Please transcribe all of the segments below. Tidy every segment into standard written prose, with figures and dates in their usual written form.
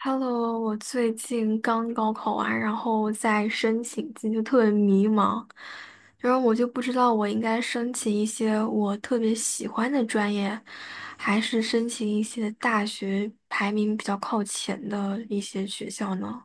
Hello，我最近刚高考完，然后在申请季就特别迷茫，然后我就不知道我应该申请一些我特别喜欢的专业，还是申请一些大学排名比较靠前的一些学校呢？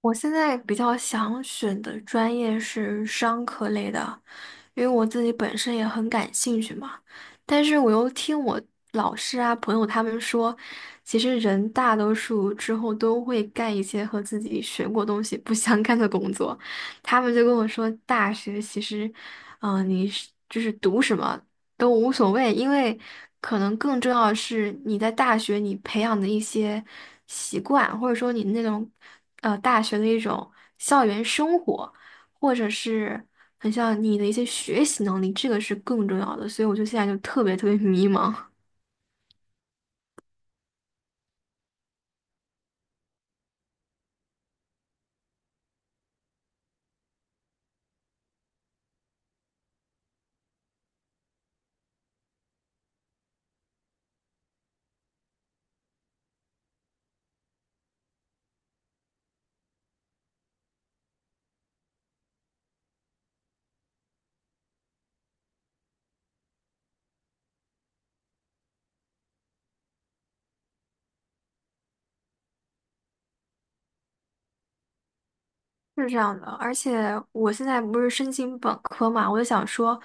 我现在比较想选的专业是商科类的，因为我自己本身也很感兴趣嘛。但是我又听我老师啊、朋友他们说，其实人大多数之后都会干一些和自己学过东西不相干的工作。他们就跟我说，大学其实，你是就是读什么都无所谓，因为可能更重要的是你在大学你培养的一些习惯，或者说你那种大学的一种校园生活。或者是很像你的一些学习能力，这个是更重要的。所以我就现在就特别特别迷茫。是这样的，而且我现在不是申请本科嘛，我就想说，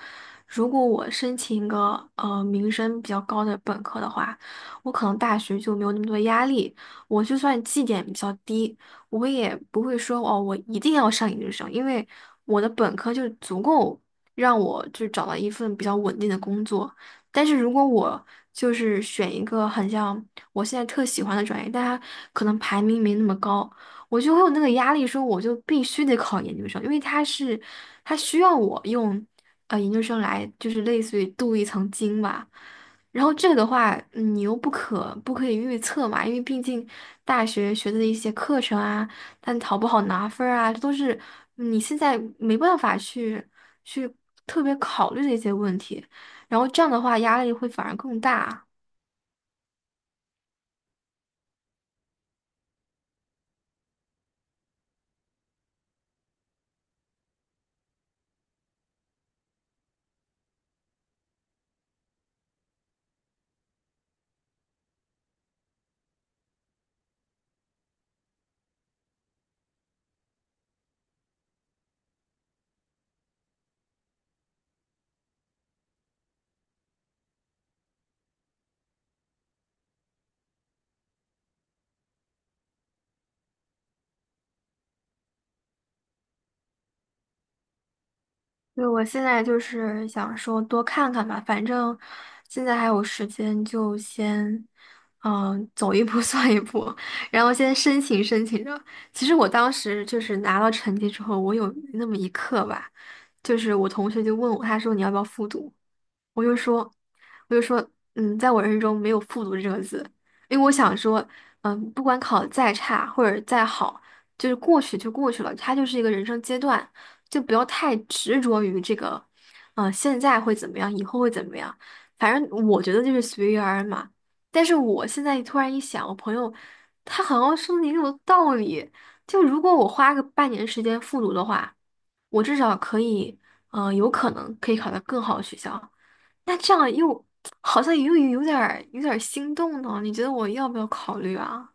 如果我申请一个名声比较高的本科的话，我可能大学就没有那么多压力，我就算绩点比较低，我也不会说哦，我一定要上研究生，因为我的本科就足够让我就找到一份比较稳定的工作。但是如果我就是选一个很像我现在特喜欢的专业，但它可能排名没那么高。我就会有那个压力，说我就必须得考研究生，因为他是他需要我用研究生来就是类似于镀一层金吧。然后这个的话，嗯你又不可以预测嘛，因为毕竟大学学的一些课程啊，但好不好拿分儿啊，这都是你现在没办法去特别考虑的一些问题。然后这样的话，压力会反而更大。对，我现在就是想说多看看吧，反正现在还有时间，就先走一步 算一步，然后先申请申请着。其实我当时就是拿到成绩之后，我有那么一刻吧，就是我同学就问我，他说你要不要复读？我就说，我就说，嗯，在我人生中没有复读这个字，因为我想说，嗯，不管考得再差或者再好，就是过去就过去了，它就是一个人生阶段，就不要太执着于这个，现在会怎么样，以后会怎么样，反正我觉得就是随遇而安嘛。但是我现在突然一想，我朋友他好像说的也有道理，就如果我花个半年时间复读的话，我至少可以，有可能可以考到更好的学校。那这样又好像又有点儿心动呢，你觉得我要不要考虑啊？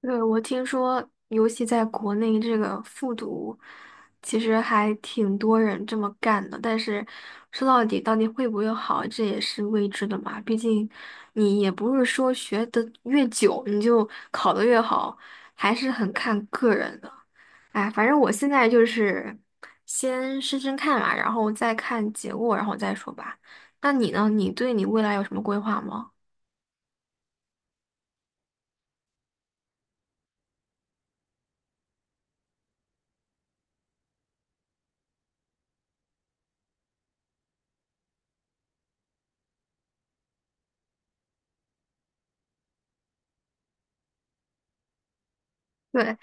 对，我听说，尤其在国内这个复读，其实还挺多人这么干的。但是说到底，到底会不会好，这也是未知的嘛。毕竟你也不是说学的越久，你就考的越好，还是很看个人的。哎，反正我现在就是先试试看嘛，然后再看结果，然后再说吧。那你呢？你对你未来有什么规划吗？对，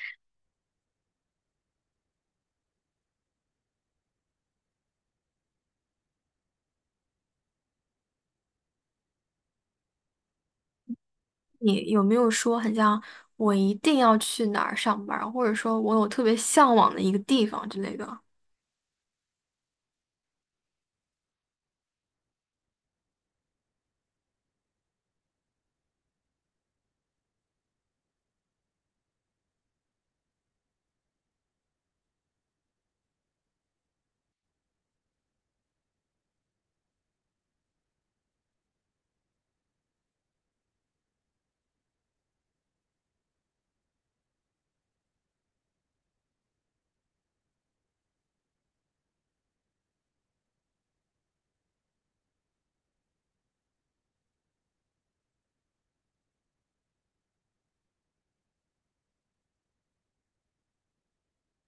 你有没有说很像我一定要去哪儿上班儿或者说我有特别向往的一个地方之类的？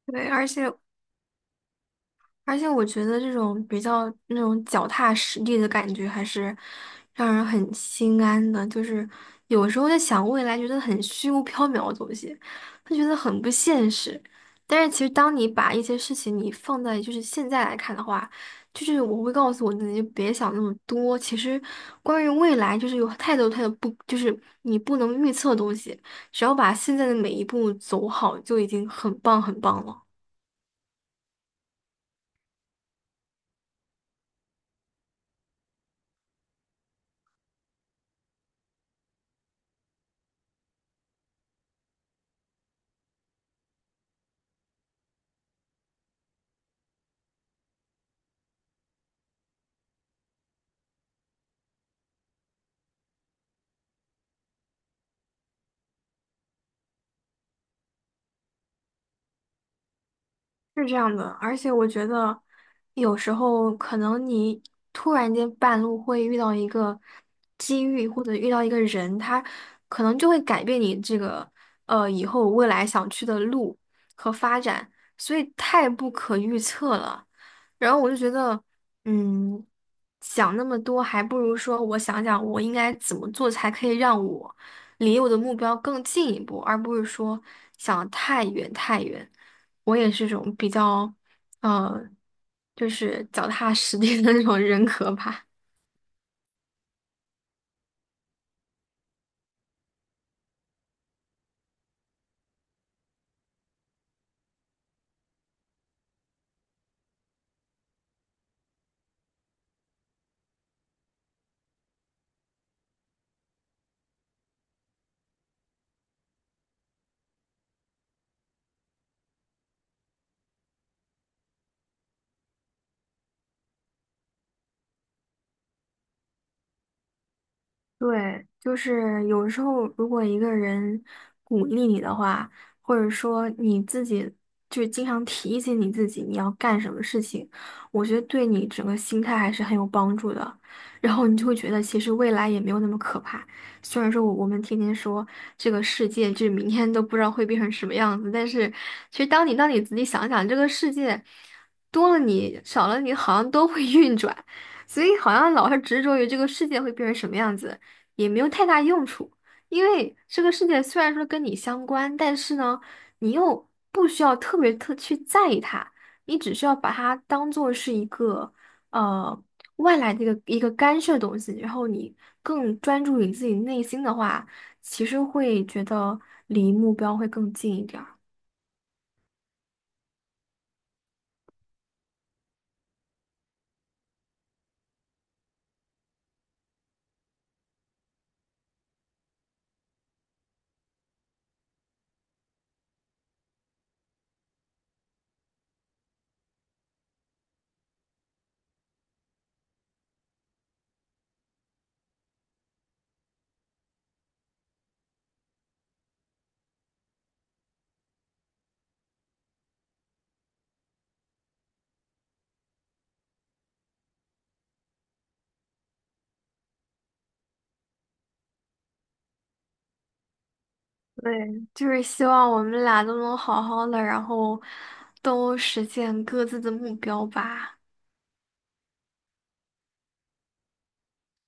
对，而且我觉得这种比较那种脚踏实地的感觉，还是让人很心安的。就是有时候在想未来，觉得很虚无缥缈的东西，他觉得很不现实。但是其实当你把一些事情你放在就是现在来看的话，就是我会告诉我自己，就别想那么多。其实关于未来，就是有太多太多不，就是你不能预测的东西，只要把现在的每一步走好，就已经很棒很棒了。是这样的，而且我觉得有时候可能你突然间半路会遇到一个机遇，或者遇到一个人，他可能就会改变你这个以后未来想去的路和发展，所以太不可预测了。然后我就觉得，嗯，想那么多，还不如说我想想我应该怎么做才可以让我离我的目标更进一步，而不是说想得太远太远。我也是种比较，呃，就是脚踏实地的那种人格吧。对，就是有时候，如果一个人鼓励你的话，或者说你自己就是经常提醒你自己你要干什么事情，我觉得对你整个心态还是很有帮助的。然后你就会觉得，其实未来也没有那么可怕。虽然说我们天天说这个世界，就是明天都不知道会变成什么样子，但是其实当你仔细想想，这个世界多了你少了你，好像都会运转，所以好像老是执着于这个世界会变成什么样子。也没有太大用处，因为这个世界虽然说跟你相关，但是呢，你又不需要特别去在意它，你只需要把它当做是一个呃外来的一个干涉东西，然后你更专注于自己内心的话，其实会觉得离目标会更近一点儿。对，就是希望我们俩都能好好的，然后都实现各自的目标吧。